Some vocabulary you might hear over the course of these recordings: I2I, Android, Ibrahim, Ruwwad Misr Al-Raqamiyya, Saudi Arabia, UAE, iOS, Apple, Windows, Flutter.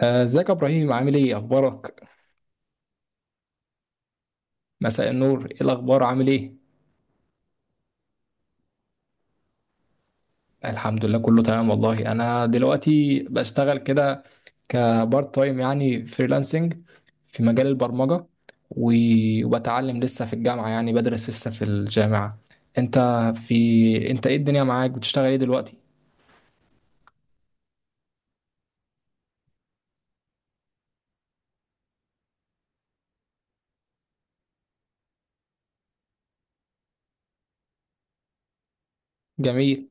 ازيك يا ابراهيم؟ عامل ايه اخبارك؟ مساء النور. ايه الاخبار؟ عامل ايه؟ الحمد لله، كله تمام والله. انا دلوقتي بشتغل كده كبارت تايم، يعني فريلانسنج في مجال البرمجة. وبتعلم لسه في الجامعة، يعني بدرس لسه في الجامعة انت. انت ايه الدنيا معاك؟ بتشتغل ايه دلوقتي؟ جميل.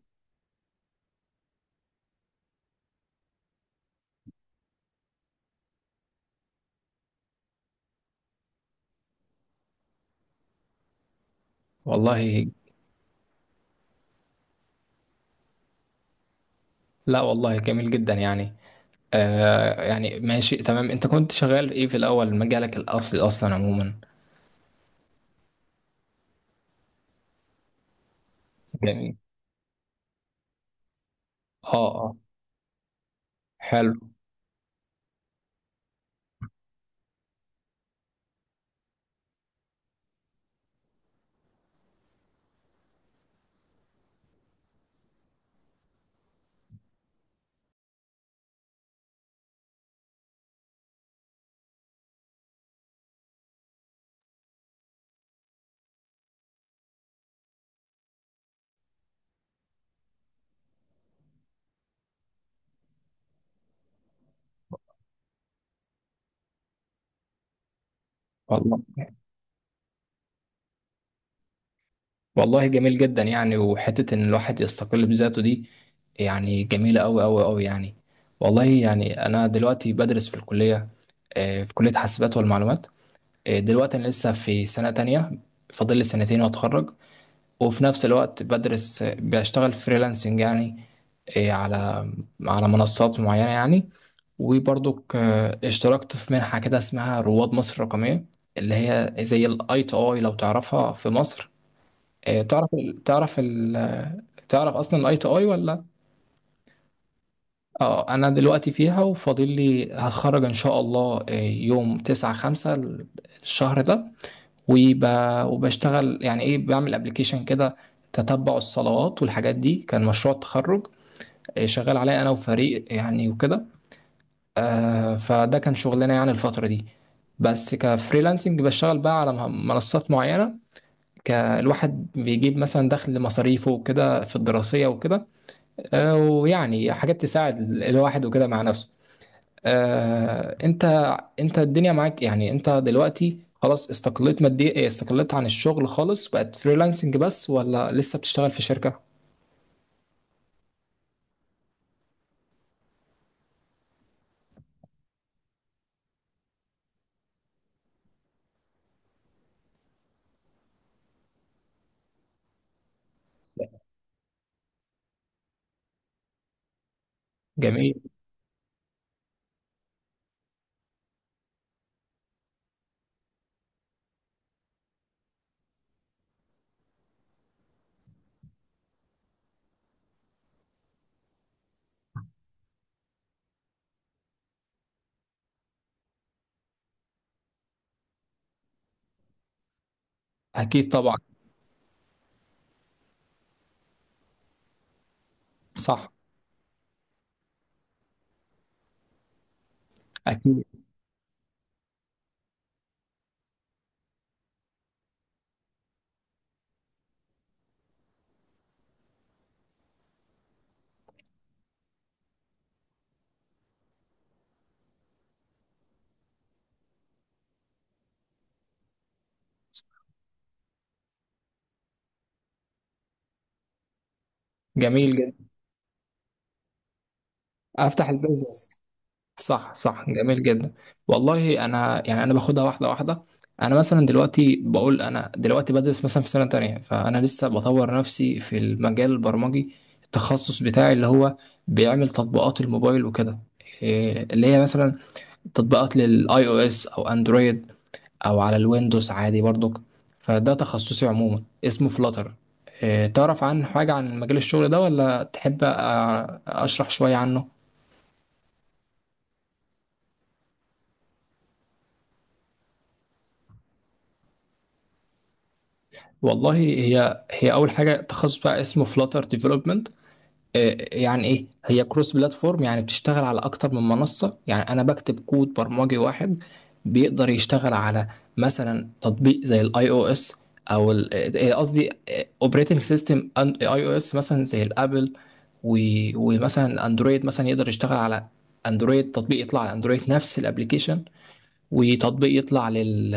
والله. لا والله، جميل جدا يعني. يعني ماشي تمام. انت كنت شغال ايه في الاول، مجالك الاصلي اصلا عموما؟ جميل. اه، اه. حلو. والله، والله جميل جدا يعني، وحتة إن الواحد يستقل بذاته دي يعني جميلة أوي أوي أوي يعني. والله يعني أنا دلوقتي بدرس في الكلية، في كلية حاسبات والمعلومات. دلوقتي أنا لسه في سنة تانية، فاضل لي سنتين وأتخرج. وفي نفس الوقت بدرس، بشتغل فريلانسنج يعني، آه، على على منصات معينة يعني. وبرضك اشتركت في منحة كده اسمها رواد مصر الرقمية، اللي هي زي الاي تو اي لو تعرفها في مصر. آه، تعرف ال- تعرف ال- تعرف اصلا الاي تو اي ولا؟ اه انا دلوقتي فيها، وفاضل لي هتخرج ان شاء الله يوم 9 5 الشهر ده. وب... وبشتغل يعني ايه، بعمل ابلكيشن كده تتبع الصلوات والحاجات دي. كان مشروع التخرج، شغال عليه انا وفريق يعني وكده. فده كان شغلنا يعني الفترة دي. بس كفريلانسنج بشتغل بقى على منصات معينة. الواحد بيجيب مثلا دخل مصاريفه وكده في الدراسية وكده، ويعني حاجات تساعد الواحد وكده مع نفسه. آه، انت انت الدنيا معاك، يعني انت دلوقتي خلاص استقلت ماديا، استقلت عن الشغل خالص، بقت فريلانسنج بس ولا لسه بتشتغل في شركة؟ جميل. اكيد طبعا. صح. اكيد. جميل جدا. افتح البيزنس. صح، صح. جميل جدا. والله انا يعني، انا باخدها واحده واحده. انا مثلا دلوقتي بقول، انا دلوقتي بدرس مثلا في سنه تانية، فانا لسه بطور نفسي في المجال البرمجي، التخصص بتاعي اللي هو بيعمل تطبيقات الموبايل وكده. إيه، اللي هي مثلا تطبيقات للاي او اس او اندرويد، او على الويندوز عادي برضك. فده تخصصي عموما اسمه فلاتر. إيه، تعرف عن حاجه عن مجال الشغل ده، ولا تحب اشرح شويه عنه؟ والله، هي اول حاجه تخصص بقى اسمه فلاتر ديفلوبمنت. يعني ايه، هي كروس بلاتفورم، يعني بتشتغل على اكتر من منصه. يعني انا بكتب كود برمجي واحد بيقدر يشتغل على مثلا تطبيق زي الاي او اس، او قصدي اوبريتنج سيستم اي او اس مثلا زي الابل. ومثلا اندرويد، مثلا يقدر يشتغل على اندرويد، تطبيق يطلع على اندرويد نفس الابلكيشن، وتطبيق يطلع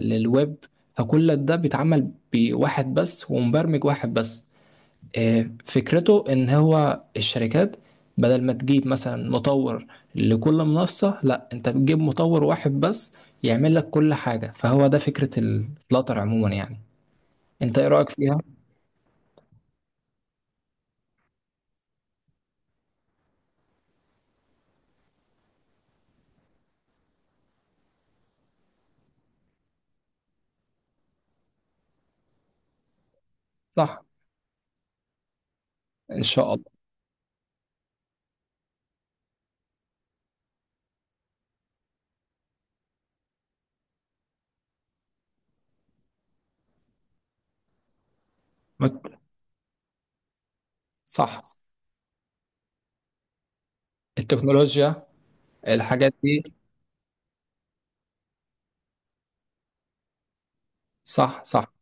للويب. فكل ده بيتعمل بواحد بس، ومبرمج واحد بس. فكرته ان هو الشركات بدل ما تجيب مثلا مطور لكل منصة، لا، انت بتجيب مطور واحد بس يعمل لك كل حاجة. فهو ده فكرة الفلاتر عموما يعني. انت ايه رأيك فيها؟ صح. ان شاء الله. مت- صح. التكنولوجيا، الحاجات دي. صح، صح.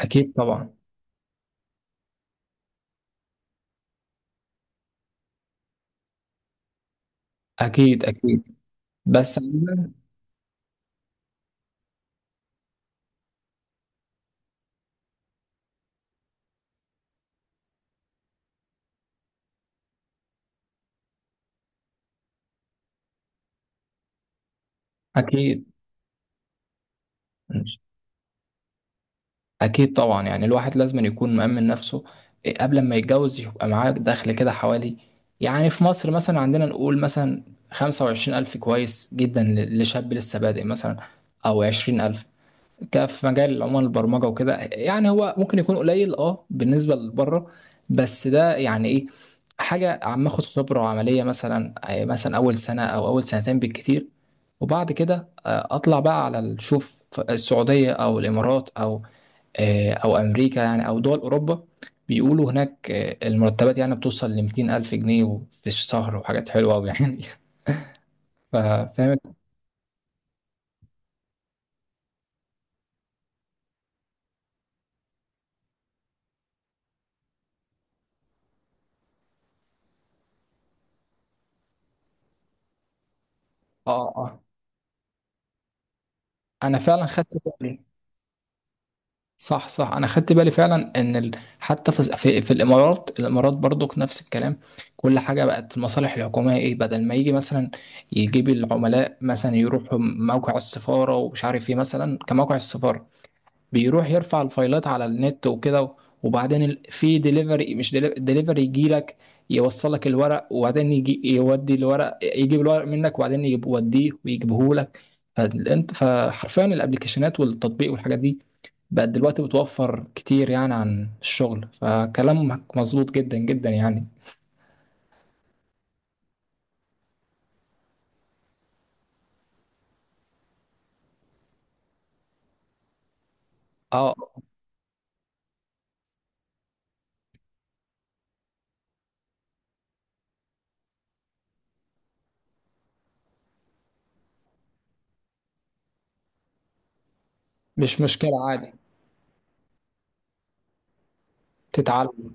اكيد طبعا. اكيد، اكيد. بس عموماً. اكيد. أكيد طبعا يعني الواحد لازم يكون مأمن نفسه. إيه، قبل ما يتجوز يبقى معاه دخل كده حوالي، يعني في مصر مثلا عندنا، نقول مثلا 25 ألف كويس جدا لشاب لسه بادئ مثلا، أو 20 ألف. في مجال عموما البرمجة وكده. يعني هو ممكن يكون قليل بالنسبة لبره، بس ده يعني إيه، حاجة عم اخد خبرة عملية، مثلا أول سنة أو أول سنتين بالكتير. وبعد كده أطلع بقى على شوف السعودية أو الإمارات أو آه، او امريكا يعني، او دول اوروبا. بيقولوا هناك المرتبات يعني بتوصل ل 200 الف جنيه في الشهر، وحاجات حلوه قوي يعني. ف- فاهم. اه، اه، انا فعلا خدت بالي. صح، صح، انا خدت بالي فعلا ان حتى في الامارات، الامارات برضو نفس الكلام. كل حاجه بقت المصالح الحكوميه ايه، بدل ما يجي مثلا يجيب العملاء مثلا يروحوا موقع السفاره ومش عارف ايه مثلا، كموقع السفاره، بيروح يرفع الفايلات على النت وكده. وبعدين في ديليفري، مش ديليفري، يجي لك يوصل لك الورق، وبعدين يجي يودي الورق يجيب الورق منك، وبعدين يوديه ويجيبه لك. فحرفيا الابلكيشنات والتطبيق والحاجات دي بقت دلوقتي بتوفر كتير يعني عن الشغل. فكلامك مظبوط جدا جدا يعني. اه، مش مشكلة عادي. تتعلم.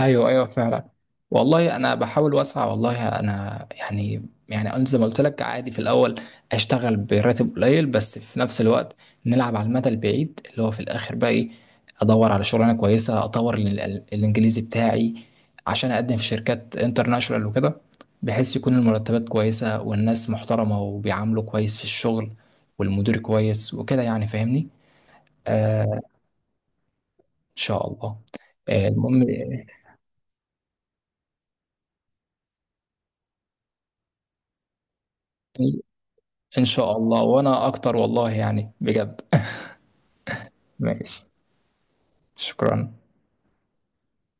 ايوه، ايوه فعلا. والله انا بحاول واسعى. والله انا يعني انا زي ما قلت لك، عادي في الاول اشتغل براتب قليل، بس في نفس الوقت نلعب على المدى البعيد اللي هو في الاخر بقى ايه، ادور على شغلانه كويسه، اطور الانجليزي بتاعي عشان اقدم في شركات انترناشونال وكده، بحيث يكون المرتبات كويسه والناس محترمه وبيعاملوا كويس في الشغل، والمدير كويس وكده يعني. فاهمني؟ آه، ان شاء الله. المهم إيه؟ إن شاء الله، وأنا أكتر والله يعني، بجد. ماشي. شكرا.